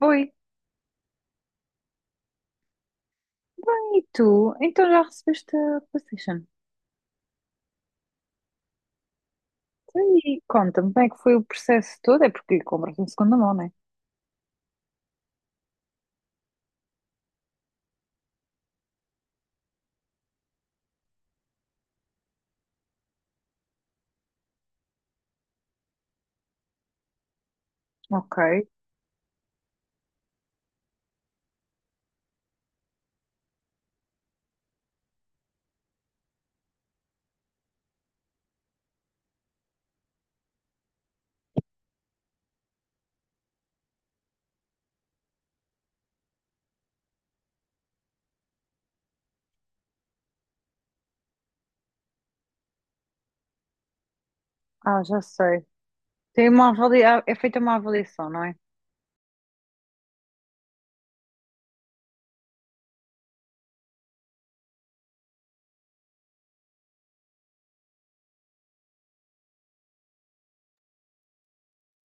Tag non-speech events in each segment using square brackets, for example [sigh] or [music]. Oi, bem, e tu? Então já recebeste a PlayStation? Então, e conta-me, como é que foi o processo todo? É porque compras em segunda mão, não é? Ok. Ah, já sei. Tem uma É feita uma avaliação, não é?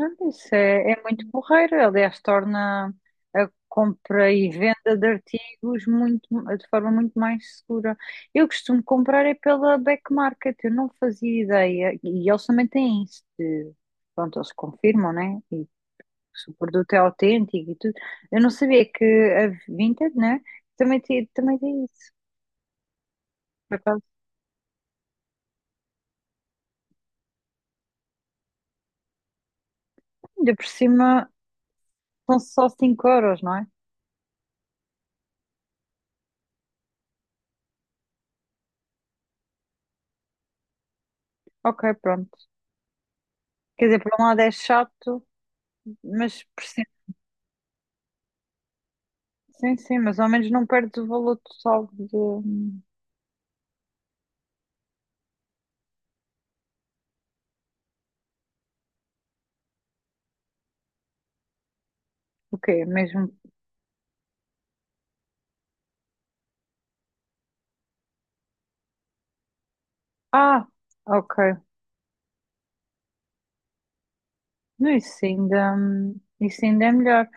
Ah, isso é muito porreiro. Aliás, torna a compra e venda de de forma muito mais segura. Eu costumo comprar é pela Back Market, eu não fazia ideia. E eles também têm isso. De... Pronto, eles confirmam, né? Se o produto é autêntico e tudo. Eu não sabia que a Vinted, né? Também tem isso. Por acaso, ainda por cima são só 5 euros, não é? Ok, pronto. Quer dizer, por um lado é chato, mas por cima. Sim, sim, mas ao menos não perdes o valor total de. O quê? Mesmo. Ah, ok. Não, isso ainda é melhor.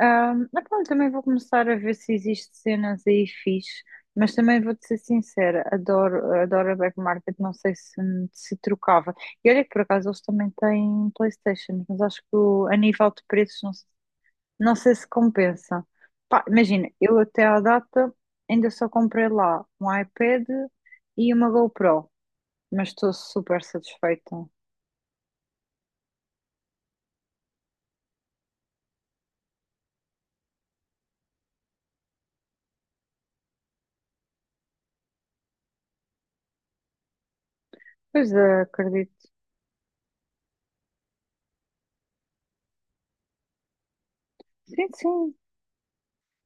Mas pronto, também vou começar a ver se existe cenas aí fixe, mas também vou-te ser sincera, adoro a Back Market, não sei se, se trocava. E olha que por acaso eles também têm PlayStation, mas acho que a nível de preços não, não sei se compensa. Pá, imagina, eu até à data ainda só comprei lá um iPad e uma GoPro, mas estou super satisfeita. Pois é, acredito. Sim, sim.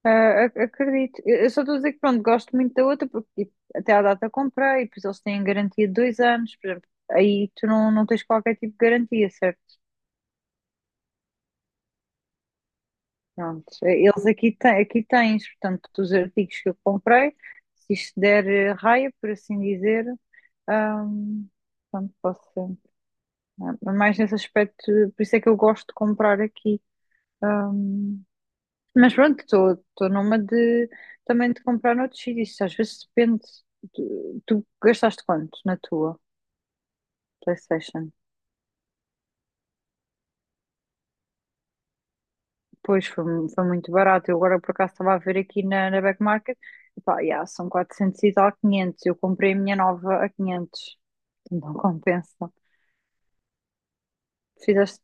Ah, acredito. Eu só estou a dizer que pronto, gosto muito da outra porque tipo, até à data comprei, e depois eles têm garantia de dois anos, por exemplo, aí tu não tens qualquer tipo de garantia, certo? Pronto. Eles aqui, aqui tens, portanto, dos artigos que eu comprei, se isto der raia, por assim dizer, ahm, pronto, posso ser. Ah, mas mais nesse aspecto, por isso é que eu gosto de comprar aqui. Mas pronto, estou numa de também de comprar noutros sítios. Às vezes depende. Tu gastaste quanto na tua PlayStation? Pois foi, foi muito barato. Eu agora por acaso estava a ver aqui na Back Market. Epá, yeah, são 400 e tal, quinhentos. Eu comprei a minha nova a quinhentos. Não compensa. Fizeste.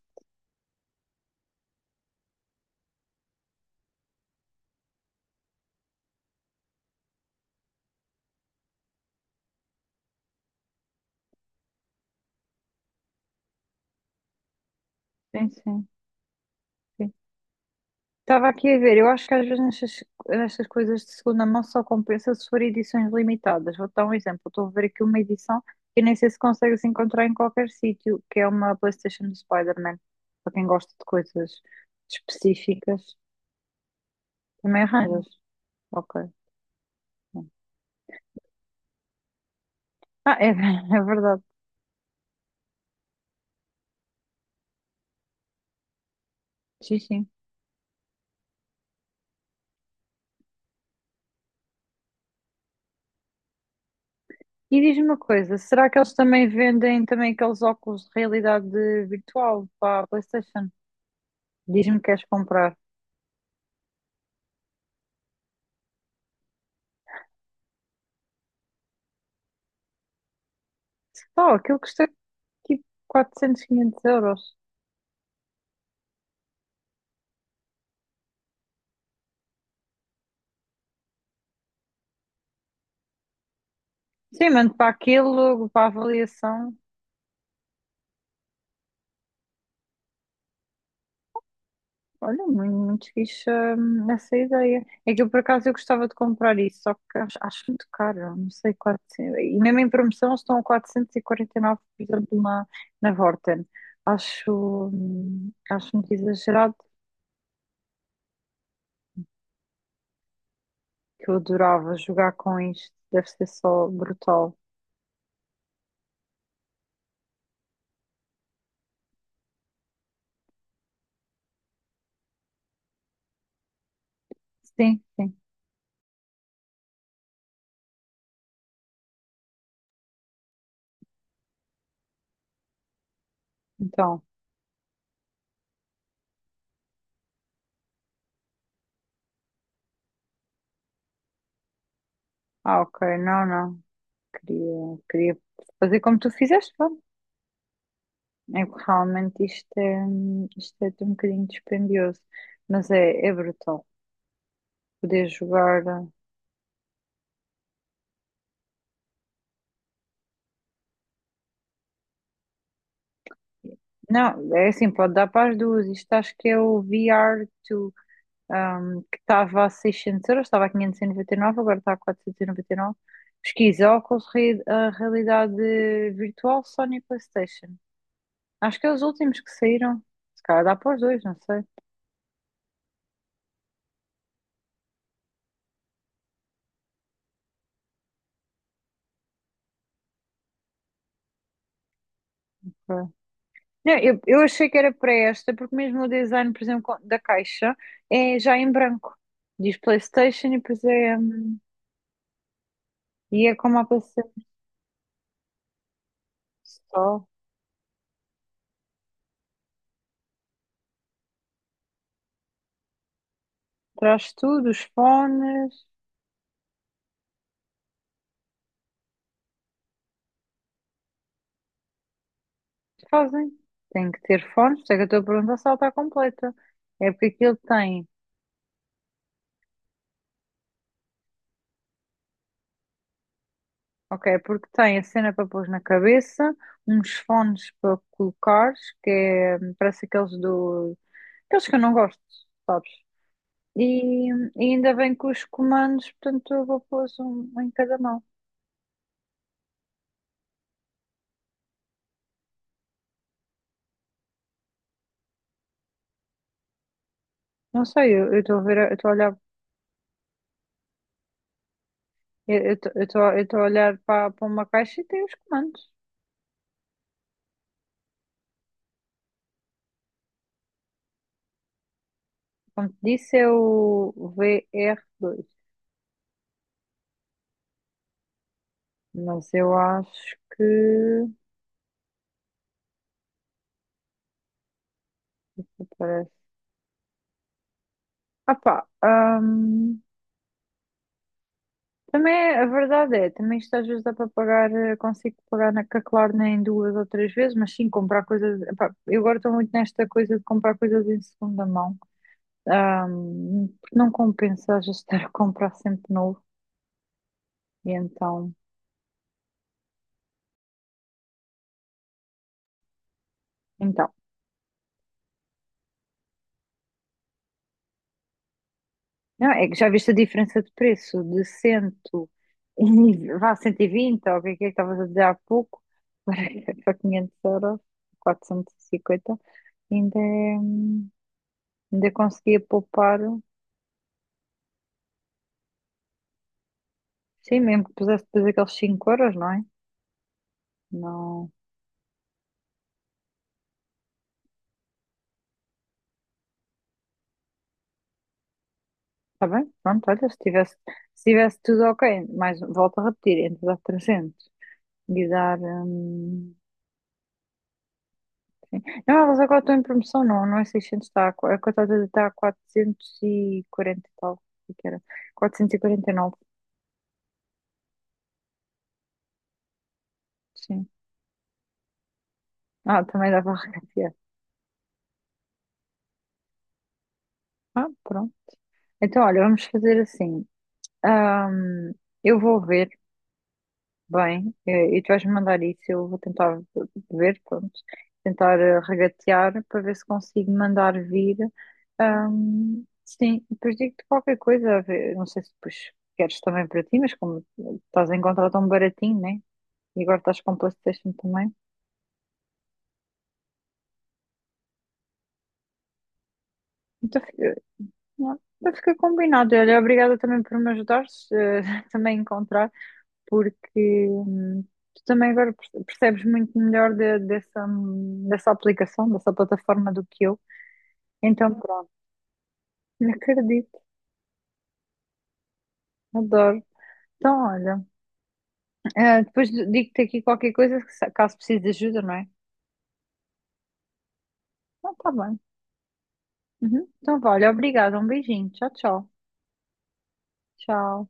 Sim, sim, sim. Estava aqui a ver, eu acho que às vezes nestas coisas de segunda mão só compensa se for edições limitadas. Vou dar um exemplo, estou a ver aqui uma edição que nem sei se consegue se encontrar em qualquer sítio, que é uma PlayStation do Spider-Man, para quem gosta de coisas específicas, também arranjas. Ok. Ah, é, [laughs] é verdade, sim, sim. E diz-me uma coisa, será que eles também vendem também aqueles óculos de realidade virtual para a PlayStation? Diz-me que queres comprar. Oh, aquilo custa tipo 400, 500€. Sim, mando para aquilo, para a avaliação. Olha, muito fixe essa ideia. É que eu, por acaso, eu gostava de comprar isso, só que acho muito caro, não sei, 400. E mesmo em promoção eles estão a 449 por exemplo, na Vorten. Acho, acho muito exagerado, que eu adorava jogar com isto, deve ser só brutal. Sim, sim. Então, ah, ok, não. Queria fazer como tu fizeste, pá. É que realmente isto é um bocadinho dispendioso, mas é, é brutal. Poder jogar. Eh, não, é assim, pode dar para as duas. Isto acho que é o VR to, um, que estava a 600€, estava a 599, agora está a 499. Pesquisa, óculos, a realidade virtual, Sony PlayStation. Acho que é os últimos que saíram. Se calhar dá para os dois, não sei. Não, eu achei que era para esta, porque mesmo o design, por exemplo, da caixa é já em branco. Diz PlayStation e depois é, e é como a PC só. Traz tudo, os fones, fazem. Tem que ter fones, por isso é que eu estou a perguntar se ela está completa. É porque aquilo tem, ok, é porque tem a cena para pôr na cabeça, uns fones para colocares, que é, parece aqueles do, aqueles que eu não gosto, sabes? E, e ainda bem que os comandos, portanto, eu vou pôr um em cada mão. Não sei, eu estou a ver, eu estou a olhar, eu estou a olhar para, para uma caixa e tem os comandos. Como te disse, é o VR dois. Mas eu acho que. Parece. Ah pá, hum, também é, a verdade é, também isto às vezes dá para pagar, eh, consigo pagar na Caclar nem duas ou três vezes, mas sim comprar coisas. Epá, eu agora estou muito nesta coisa de comprar coisas em segunda mão. Não compensa já estar a comprar sempre novo. E então, então. Não, é que já viste a diferença de preço de 100 e vá 120, ou o que é que estavas a dizer há pouco, [laughs] para, para 500€, 450, ainda, ainda conseguia poupar, sim, mesmo que pusesse depois aqueles 5 euros, não é? Não, está bem? Pronto, olha, se tivesse tudo ok, mas volto a repetir, entre dar 300 e dar. Hum, sim. Não, elas agora estão em promoção, não é 600, está a, a cotada está a 440 e quarenta e tal, o que era? 449, sim. Ah, também dava a regatear. Ah, pronto. Então, olha, vamos fazer assim. Ahm, eu vou ver, bem, eh, e tu vais-me mandar isso, eu vou tentar ver, pronto, tentar regatear para ver se consigo mandar vir. Sim, depois digo-te qualquer coisa, a ver, não sei se depois queres também para ti, mas como estás a encontrar tão baratinho, né? E agora estás com o PlayStation também. Então fica, não, então fica combinado. Olha, obrigada também por me ajudares eh, [laughs] também a encontrar, porque tu também agora percebes muito melhor dessa, dessa aplicação, dessa plataforma do que eu. Então pronto, não acredito, adoro. Então olha, eh, depois digo-te aqui qualquer coisa que caso precise de ajuda, não é? Então tá bem. Uhum. Então vale, obrigada, um beijinho. Tchau, tchau. Tchau.